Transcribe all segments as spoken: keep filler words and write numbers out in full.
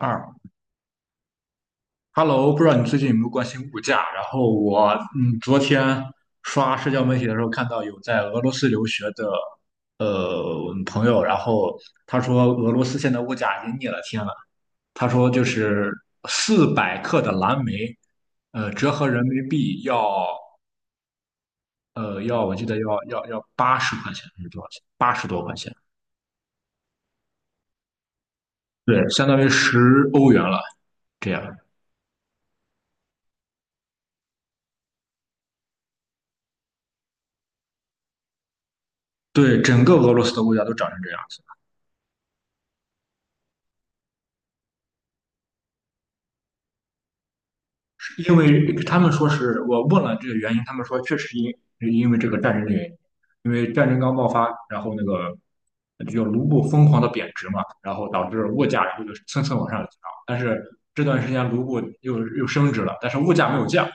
二，Hello，不知道你最近有没有关心物价？然后我，嗯，昨天刷社交媒体的时候看到有在俄罗斯留学的，呃，朋友，然后他说俄罗斯现在物价已经逆了天了。他说就是四百克的蓝莓，呃，折合人民币要，呃，要我记得要要要八十块钱还是多少钱？八十多块钱，对，相当于十欧元了。这样，对，整个俄罗斯的物价都涨成这样。因为他们说是我问了这个原因，他们说确实因因为这个战争的原因，因为战争刚爆发，然后那个就卢布疯狂的贬值嘛，然后导致物价然后就蹭蹭往上涨，但是这段时间卢布又又升值了，但是物价没有降，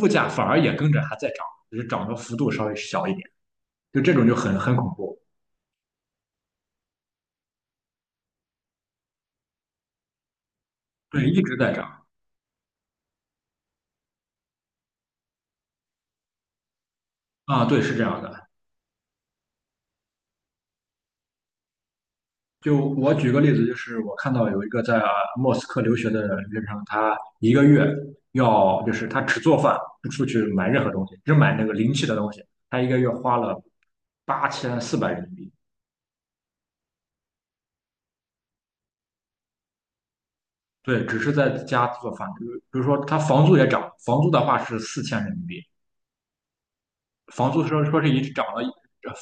物价反而也跟着还在涨，只是涨的幅度稍微小一点，就这种就很很恐怖。对，一直在涨啊。对，是这样的。就我举个例子，就是我看到有一个在莫斯科留学的留学生，他一个月要就是他只做饭，不出去买任何东西，只买那个临期的东西，他一个月花了八千四百人民币。对，只是在家做饭，比如比如说他房租也涨，房租的话是四千人民币，房租说说是一涨了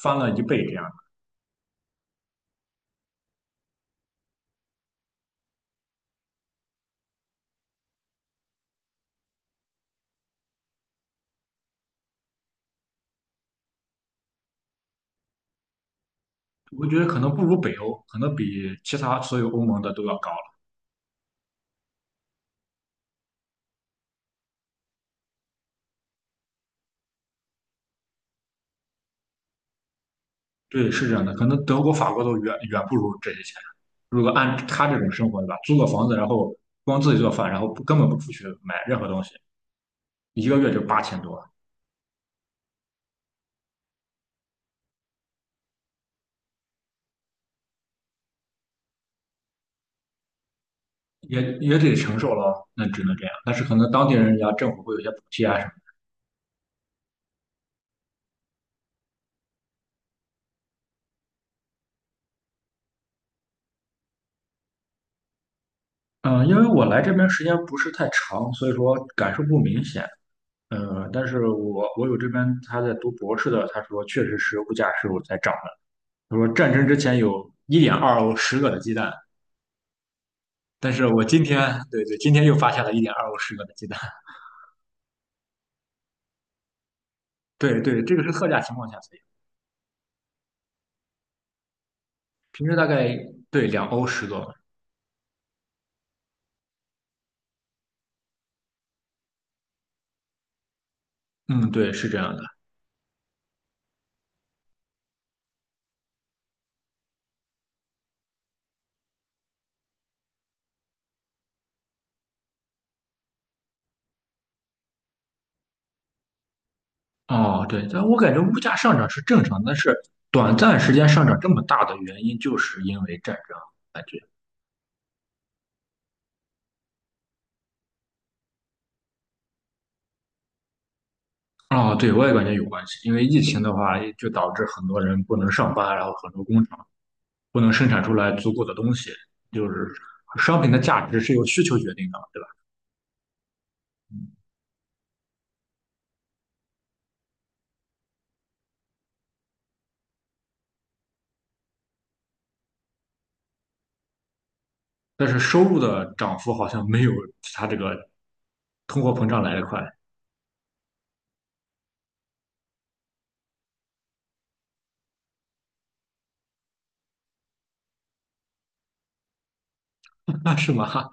翻了一倍这样。的。我觉得可能不如北欧，可能比其他所有欧盟的都要高。对，是这样的，可能德国、法国都远远不如这些钱。如果按他这种生活，对吧？租个房子，然后光自己做饭，然后不根本不出去买任何东西，一个月就八千多，也也得承受了，那只能这样。但是可能当地人家政府会有一些补贴啊什么。嗯，因为我来这边时间不是太长，所以说感受不明显。呃，但是我我有这边他在读博士的，他说确实是物价是有在涨的。他说战争之前有一点二欧十个的鸡蛋，但是我今天，对对，今天又发现了一点二欧十个的鸡蛋。对对，这个是特价情况下才有，平时大概对两欧十个。嗯，对，是这样的。哦，对，但我感觉物价上涨是正常的但是短暂时间上涨这么大的原因，就是因为战争，感觉。哦，对，我也感觉有关系，因为疫情的话，就导致很多人不能上班，然后很多工厂不能生产出来足够的东西，就是商品的价值是由需求决定的。对吧？但是收入的涨幅好像没有它这个通货膨胀来得快。是吗？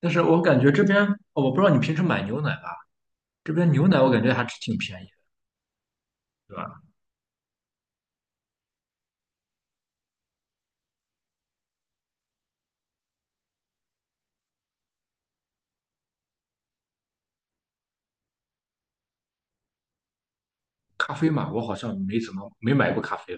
但是我感觉这边，哦我不知道你平时买牛奶吧，这边牛奶我感觉还是挺便宜的，对吧？咖啡嘛，我好像没怎么没买过咖啡。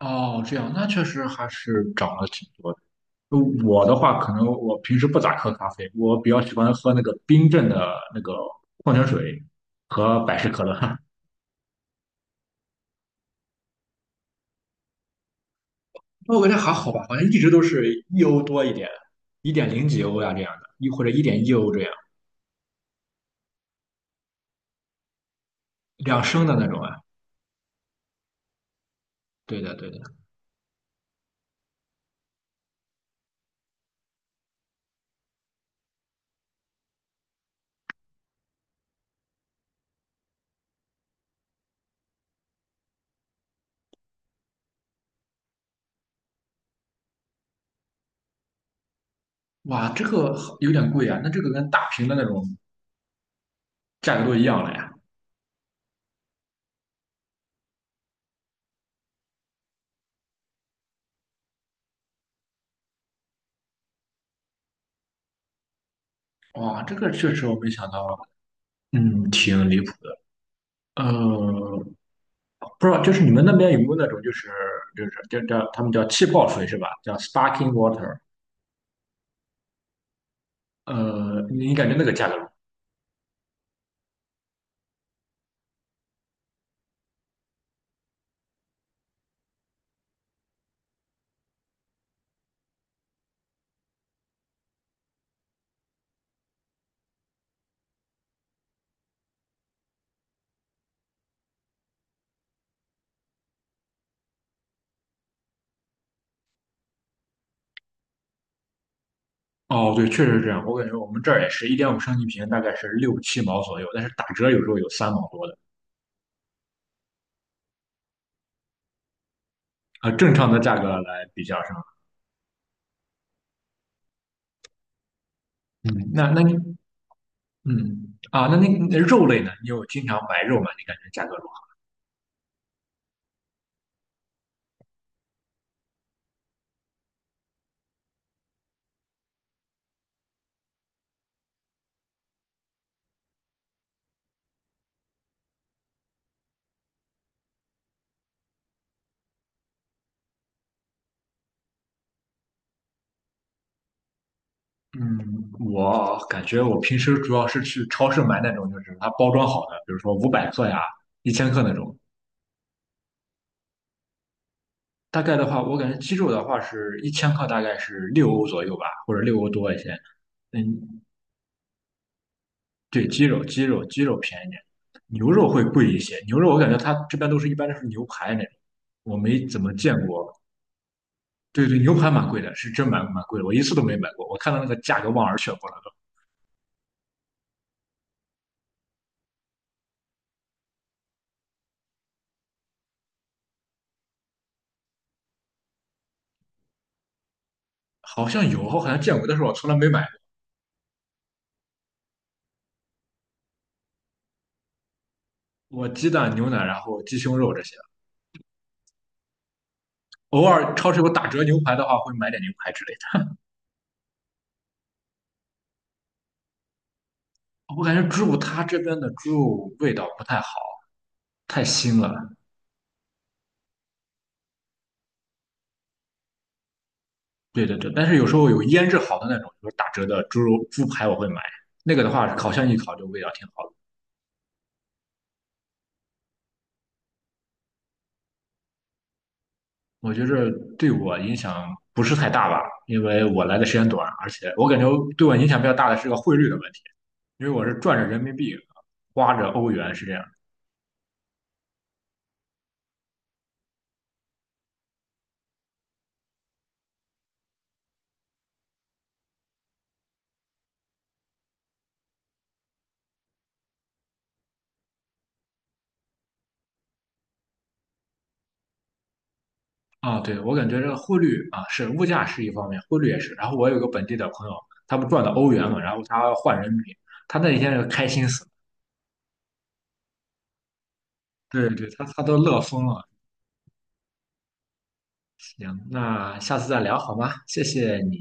哦，这样，那确实还是涨了挺多的。呃我的话，可能我平时不咋喝咖啡，我比较喜欢喝那个冰镇的那个矿泉水和百事可乐。我感觉还好吧，好像一直都是一欧多一点，一点零几欧呀，这样的，一或者一点一欧这样，两升的那种啊。对的，对的。哇，这个好有点贵啊，那这个跟大瓶的那种价格都一样了呀。哇，这个确实我没想到，嗯，挺离谱的。呃，不知道，就是你们那边有没有那种，就是就是叫叫他们叫气泡水是吧？叫 sparkling water。呃，你感觉那个价格？哦，对，确实是这样。我感觉我们这儿也是一点五升一瓶，大概是六七毛左右，但是打折有时候有三毛多的。呃正常的价格来比较上。嗯，那那你嗯啊，那那那肉类呢？你有经常买肉吗？你感觉价格如何？嗯，我感觉我平时主要是去超市买那种，就是它包装好的，比如说五百克呀、一千克那种。大概的话，我感觉鸡肉的话是一千克，大概是六欧左右吧，或者六欧多一些。嗯，对，鸡肉，鸡肉，鸡肉便宜点，牛肉会贵一些。牛肉我感觉它这边都是一般都是牛排那种，我没怎么见过对对，牛排蛮贵的，是真蛮蛮贵的，我一次都没买过。我看到那个价格望而却步了都。好像有，我好像见过，但是我从来没买过。我鸡蛋、牛奶，然后鸡胸肉这些，偶尔超市有打折牛排的话，会买点牛排之类的。我感觉猪肉它这边的猪肉味道不太好，太腥了。对对对，但是有时候有腌制好的那种，就是打折的猪肉猪排，我会买。那个的话，烤箱一烤就味道挺好的。我觉着对我影响不是太大吧，因为我来的时间短，而且我感觉对我影响比较大的是个汇率的问题。因为我是赚着人民币，花着欧元，是这样。啊，对，我感觉这个汇率啊，是物价是一方面，汇率也是。然后我有个本地的朋友，他不赚的欧元嘛，然后他换人民币，他那一天就开心死了。对对，他他都乐疯了。行，那下次再聊好吗？谢谢你。